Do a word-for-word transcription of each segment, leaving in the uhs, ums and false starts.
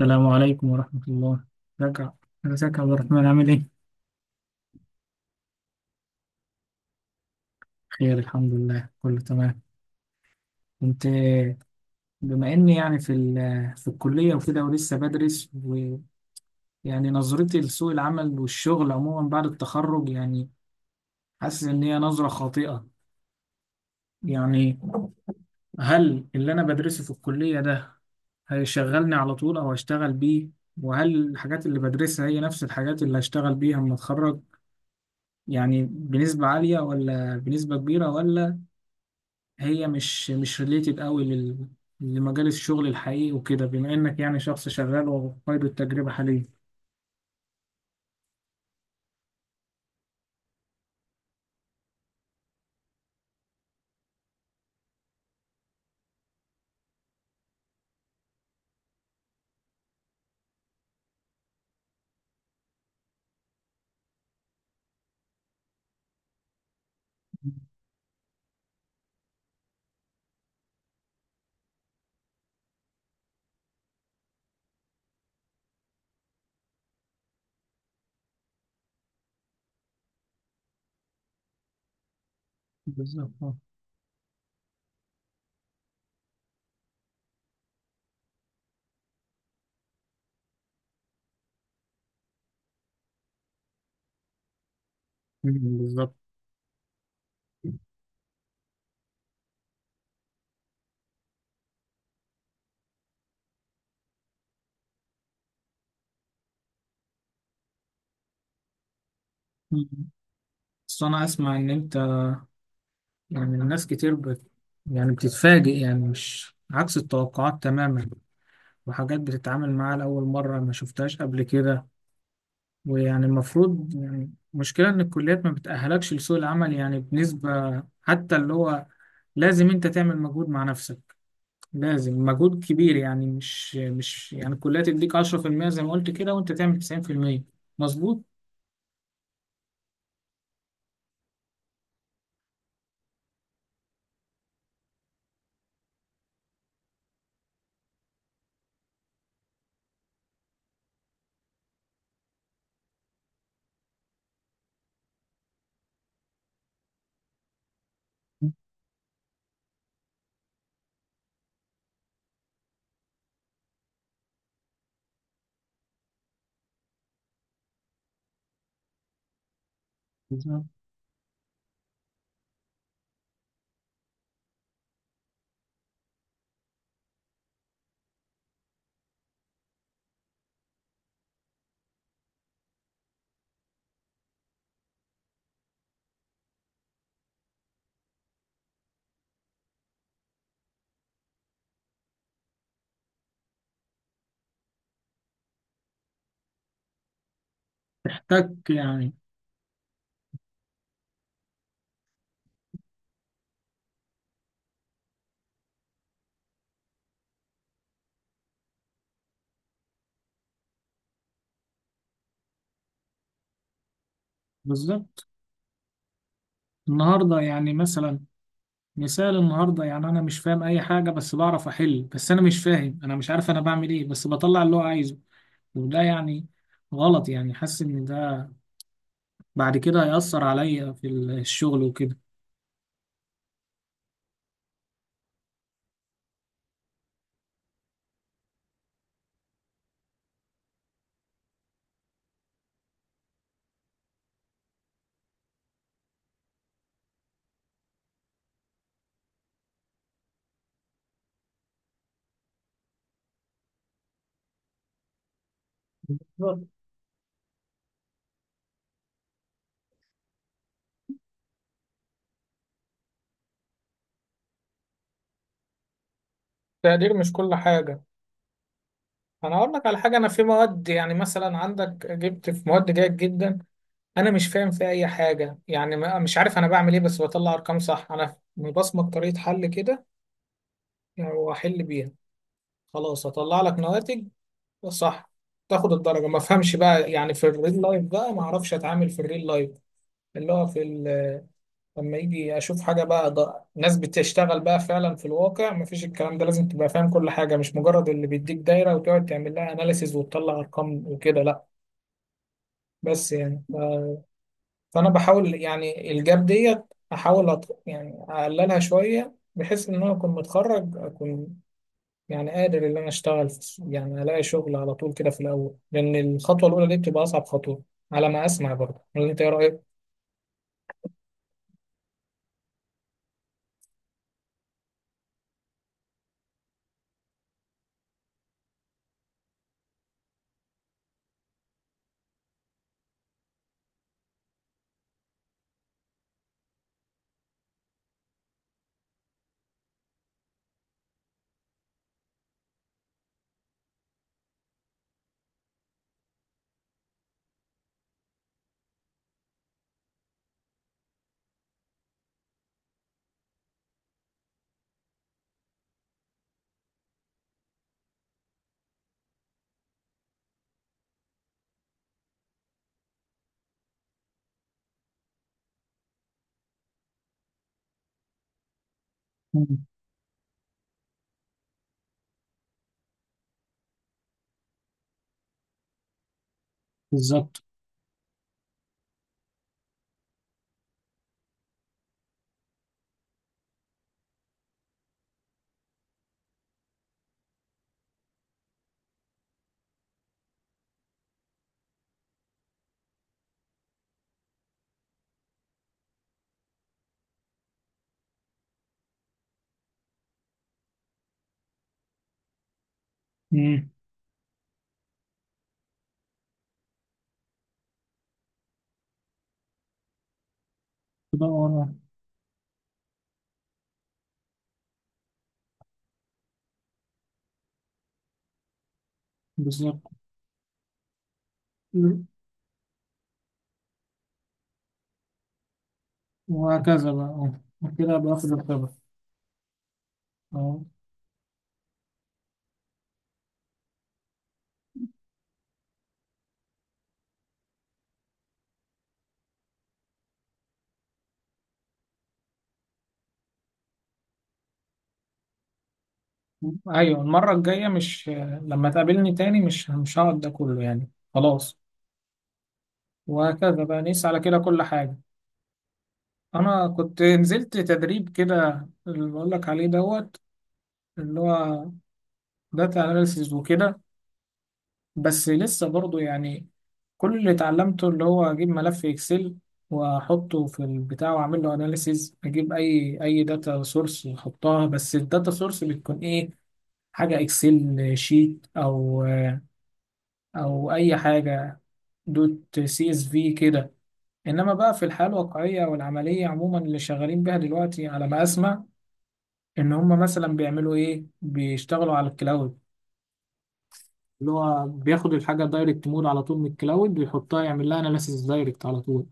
السلام عليكم ورحمة الله. رجع. ازيك يا عبد الرحمن، عامل ايه؟ خير، الحمد لله، كله تمام. كنت بما اني يعني في ال- في الكلية وكده، ولسه بدرس، ويعني نظرتي لسوق العمل والشغل عموما بعد التخرج، يعني حاسس ان هي نظرة خاطئة. يعني هل اللي انا بدرسه في الكلية ده هيشغلني على طول، او هشتغل بيه؟ وهل الحاجات اللي بدرسها هي نفس الحاجات اللي هشتغل بيها لما اتخرج، يعني بنسبة عالية ولا بنسبة كبيرة، ولا هي مش مش ريليتد قوي لل... لمجال الشغل الحقيقي وكده، بما انك يعني شخص شغال وقيد التجربة حاليا. بالظبط آه. مم، بالظبط. مم. بس انا اسمع ان انت يعني الناس كتير بت... يعني بتتفاجئ، يعني مش عكس التوقعات تماما، وحاجات بتتعامل معاها لأول مرة ما شفتهاش قبل كده. ويعني المفروض، يعني المشكلة إن الكليات ما بتأهلكش لسوق العمل، يعني بنسبة حتى اللي هو لازم أنت تعمل مجهود مع نفسك، لازم مجهود كبير، يعني مش مش يعني الكلية تديك عشرة في المية زي ما قلت كده وأنت تعمل تسعين في المية، مظبوط؟ بالظبط. محتاج يعني. بالظبط. النهارده يعني مثلا، مثال النهارده، يعني انا مش فاهم اي حاجه بس بعرف احل، بس انا مش فاهم، انا مش عارف انا بعمل ايه، بس بطلع اللي هو عايزه. وده يعني غلط، يعني حاسس ان ده بعد كده هيأثر عليا في الشغل وكده. بالظبط. التقدير مش كل حاجة. أنا أقول لك على حاجة، أنا في مواد، يعني مثلا عندك جبت في مواد جيد جدا، انا مش فاهم في اي حاجه، يعني ما- مش عارف انا بعمل ايه، بس بطلع ارقام صح، انا مبصمج طريقه حل كده يعني واحل بيها، خلاص اطلع لك نواتج صح، تاخد الدرجه. ما افهمش بقى يعني في الريل لايف، بقى ما اعرفش اتعامل في الريل لايف اللي هو في ال- لما يجي اشوف حاجه بقى. ده ناس بتشتغل بقى فعلا في الواقع ما فيش الكلام ده، لازم تبقى فاهم كل حاجه، مش مجرد اللي بيديك دايره وتقعد تعمل لها اناليسيز وتطلع ارقام وكده، لا. بس يعني فانا بحاول يعني الجاب ديت، احاول أط... يعني اقللها شويه، بحيث ان انا اكون متخرج، اكون يعني قادر ان انا اشتغل في... السوق، يعني الاقي شغل على طول كده في الاول، لان الخطوه الاولى دي بتبقى اصعب خطوه على ما اسمع برضه، ولا انت ايه رايك؟ مم. بالظبط. مم. كده ورا. بالظبط. مم. وهكذا بقى، اه، وكده باخد الخبرة. اه، ايوه، المرة الجاية مش لما تقابلني تاني مش مش هقعد ده كله، يعني خلاص. وهكذا بقى، نقيس على كده كل حاجة. انا كنت نزلت تدريب كده اللي بقول لك عليه، دوت، اللي هو داتا اناليسيز وكده. بس لسه برضو يعني كل اللي اتعلمته اللي هو اجيب ملف اكسل واحطه في البتاع واعمل له اناليسيز، اجيب اي اي داتا سورس واحطها، بس الداتا سورس بتكون ايه؟ حاجه اكسل شيت او او اي حاجه دوت سي اس في كده. انما بقى في الحياه الواقعيه والعمليه عموما، اللي شغالين بيها دلوقتي على ما اسمع، ان هم مثلا بيعملوا ايه؟ بيشتغلوا على الكلاود اللي هو بياخد الحاجه دايركت مود على طول من الكلاود ويحطها، يعمل لها اناليسيس دايركت على طول،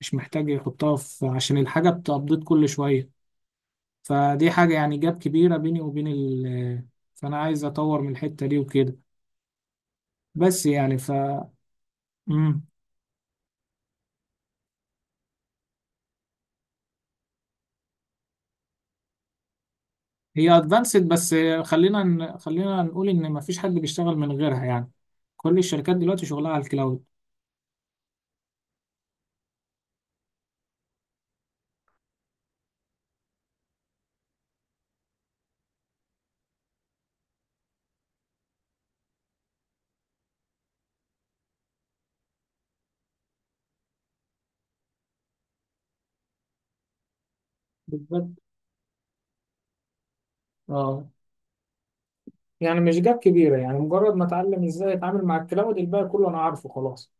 مش محتاج يحطها في، عشان الحاجه بتابديت كل شويه. فدي حاجه يعني جاب كبيره بيني وبين ال فانا عايز اطور من الحته دي وكده. بس يعني ف مم. هي ادفانسد، بس خلينا ن- خلينا نقول ان مفيش حد بيشتغل من غيرها يعني، كل الشركات دلوقتي شغلها على الكلاود. بالظبط اه، يعني مش جاب كبيرة، يعني مجرد ما اتعلم ازاي اتعامل مع الكلاود الباقي كله انا عارفه خلاص.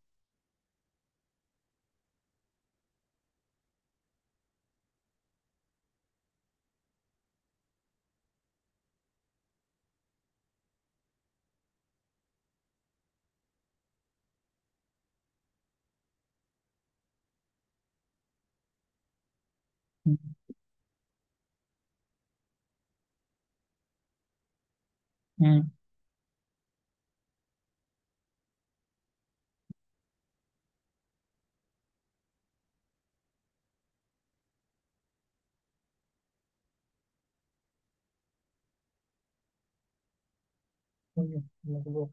مم. مم. مظبوط.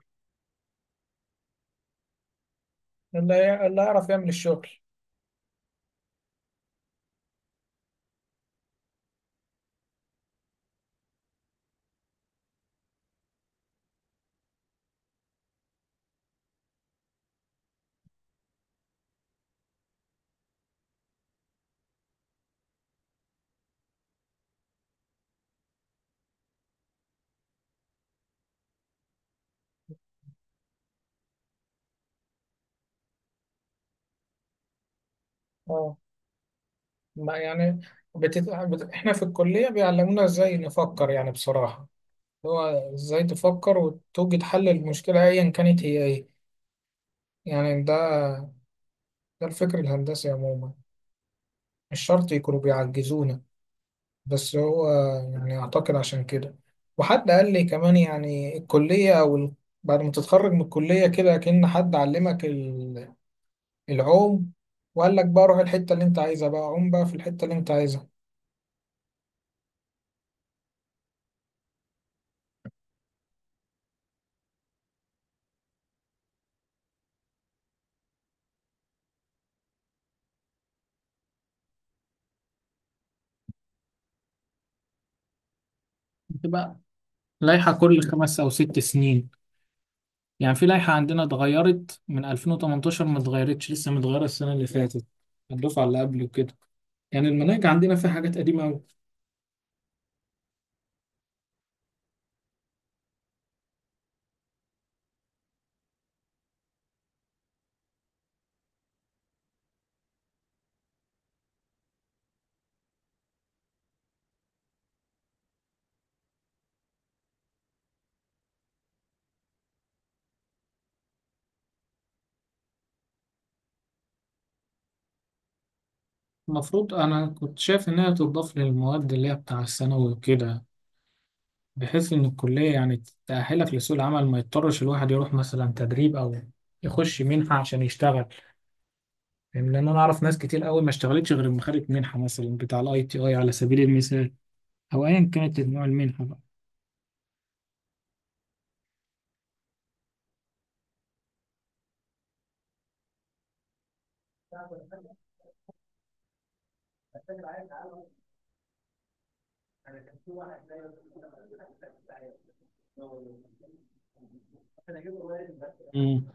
اللي هي- اللي يعرف يعمل الشغل. اه. ما يعني بتت... بت... احنا في الكلية بيعلمونا ازاي نفكر يعني بصراحة، اللي هو ازاي تفكر وتوجد حل للمشكلة ايا كانت هي ايه. يعني ده ده الفكر الهندسي عموما، مش شرط يكونوا بيعجزونا. بس هو يعني أعتقد عشان كده، وحد قال لي كمان يعني الكلية أو ال- بعد ما تتخرج من الكلية كده، كأن حد علمك ال- العوم، وقال لك بقى روح الحتة اللي أنت عايزها، بقى عوم بقى في الحتة اللي أنت عايزها. بتبقى لائحة كل خمس أو ست سنين، يعني في لائحة عندنا اتغيرت من ألفين وثمانية عشر ما اتغيرتش لسه، متغيرة السنة اللي فاتت، الدفعة اللي قبل وكده، يعني المناهج عندنا فيها حاجات قديمة أوي. المفروض أنا كنت شايف إنها تضاف للمواد اللي هي بتاع الثانوي وكده، بحيث إن الكلية يعني تأهلك لسوق العمل، ما يضطرش الواحد يروح مثلا تدريب أو يخش منحة عشان يشتغل، يعني لأن أنا أعرف ناس كتير أوي ما اشتغلتش غير لما خدت منحة مثلا بتاع ال آي تي آي على سبيل المثال، أو أيا كانت نوع المنحة بقى. مم.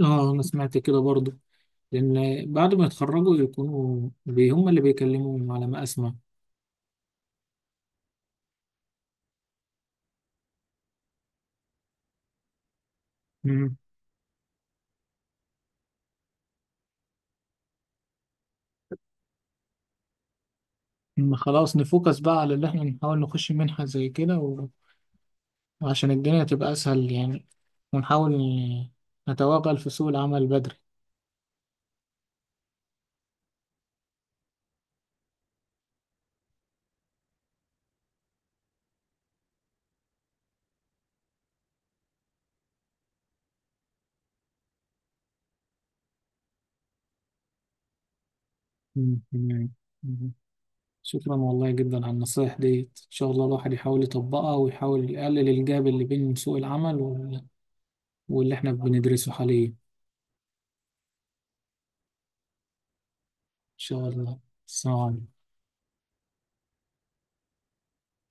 اه انا سمعت كده برضو، لان بعد ما يتخرجوا يكونوا بي هم اللي بيكلموهم على ما اسمع. إن خلاص نفوكس بقى على اللي احنا نحاول نخش منحة زي كده، و- وعشان الدنيا تبقى أسهل يعني. ونحاول ن- نتوغل في سوق العمل بدري. مم، تمام. مم. شكرا والله جدا على النصايح ديت، إن شاء الله الواحد يحاول يطبقها ويحاول يقلل الجاب اللي بين سوق العمل وال- واللي احنا بندرسه حاليا، إن شاء الله. السلام عليكم.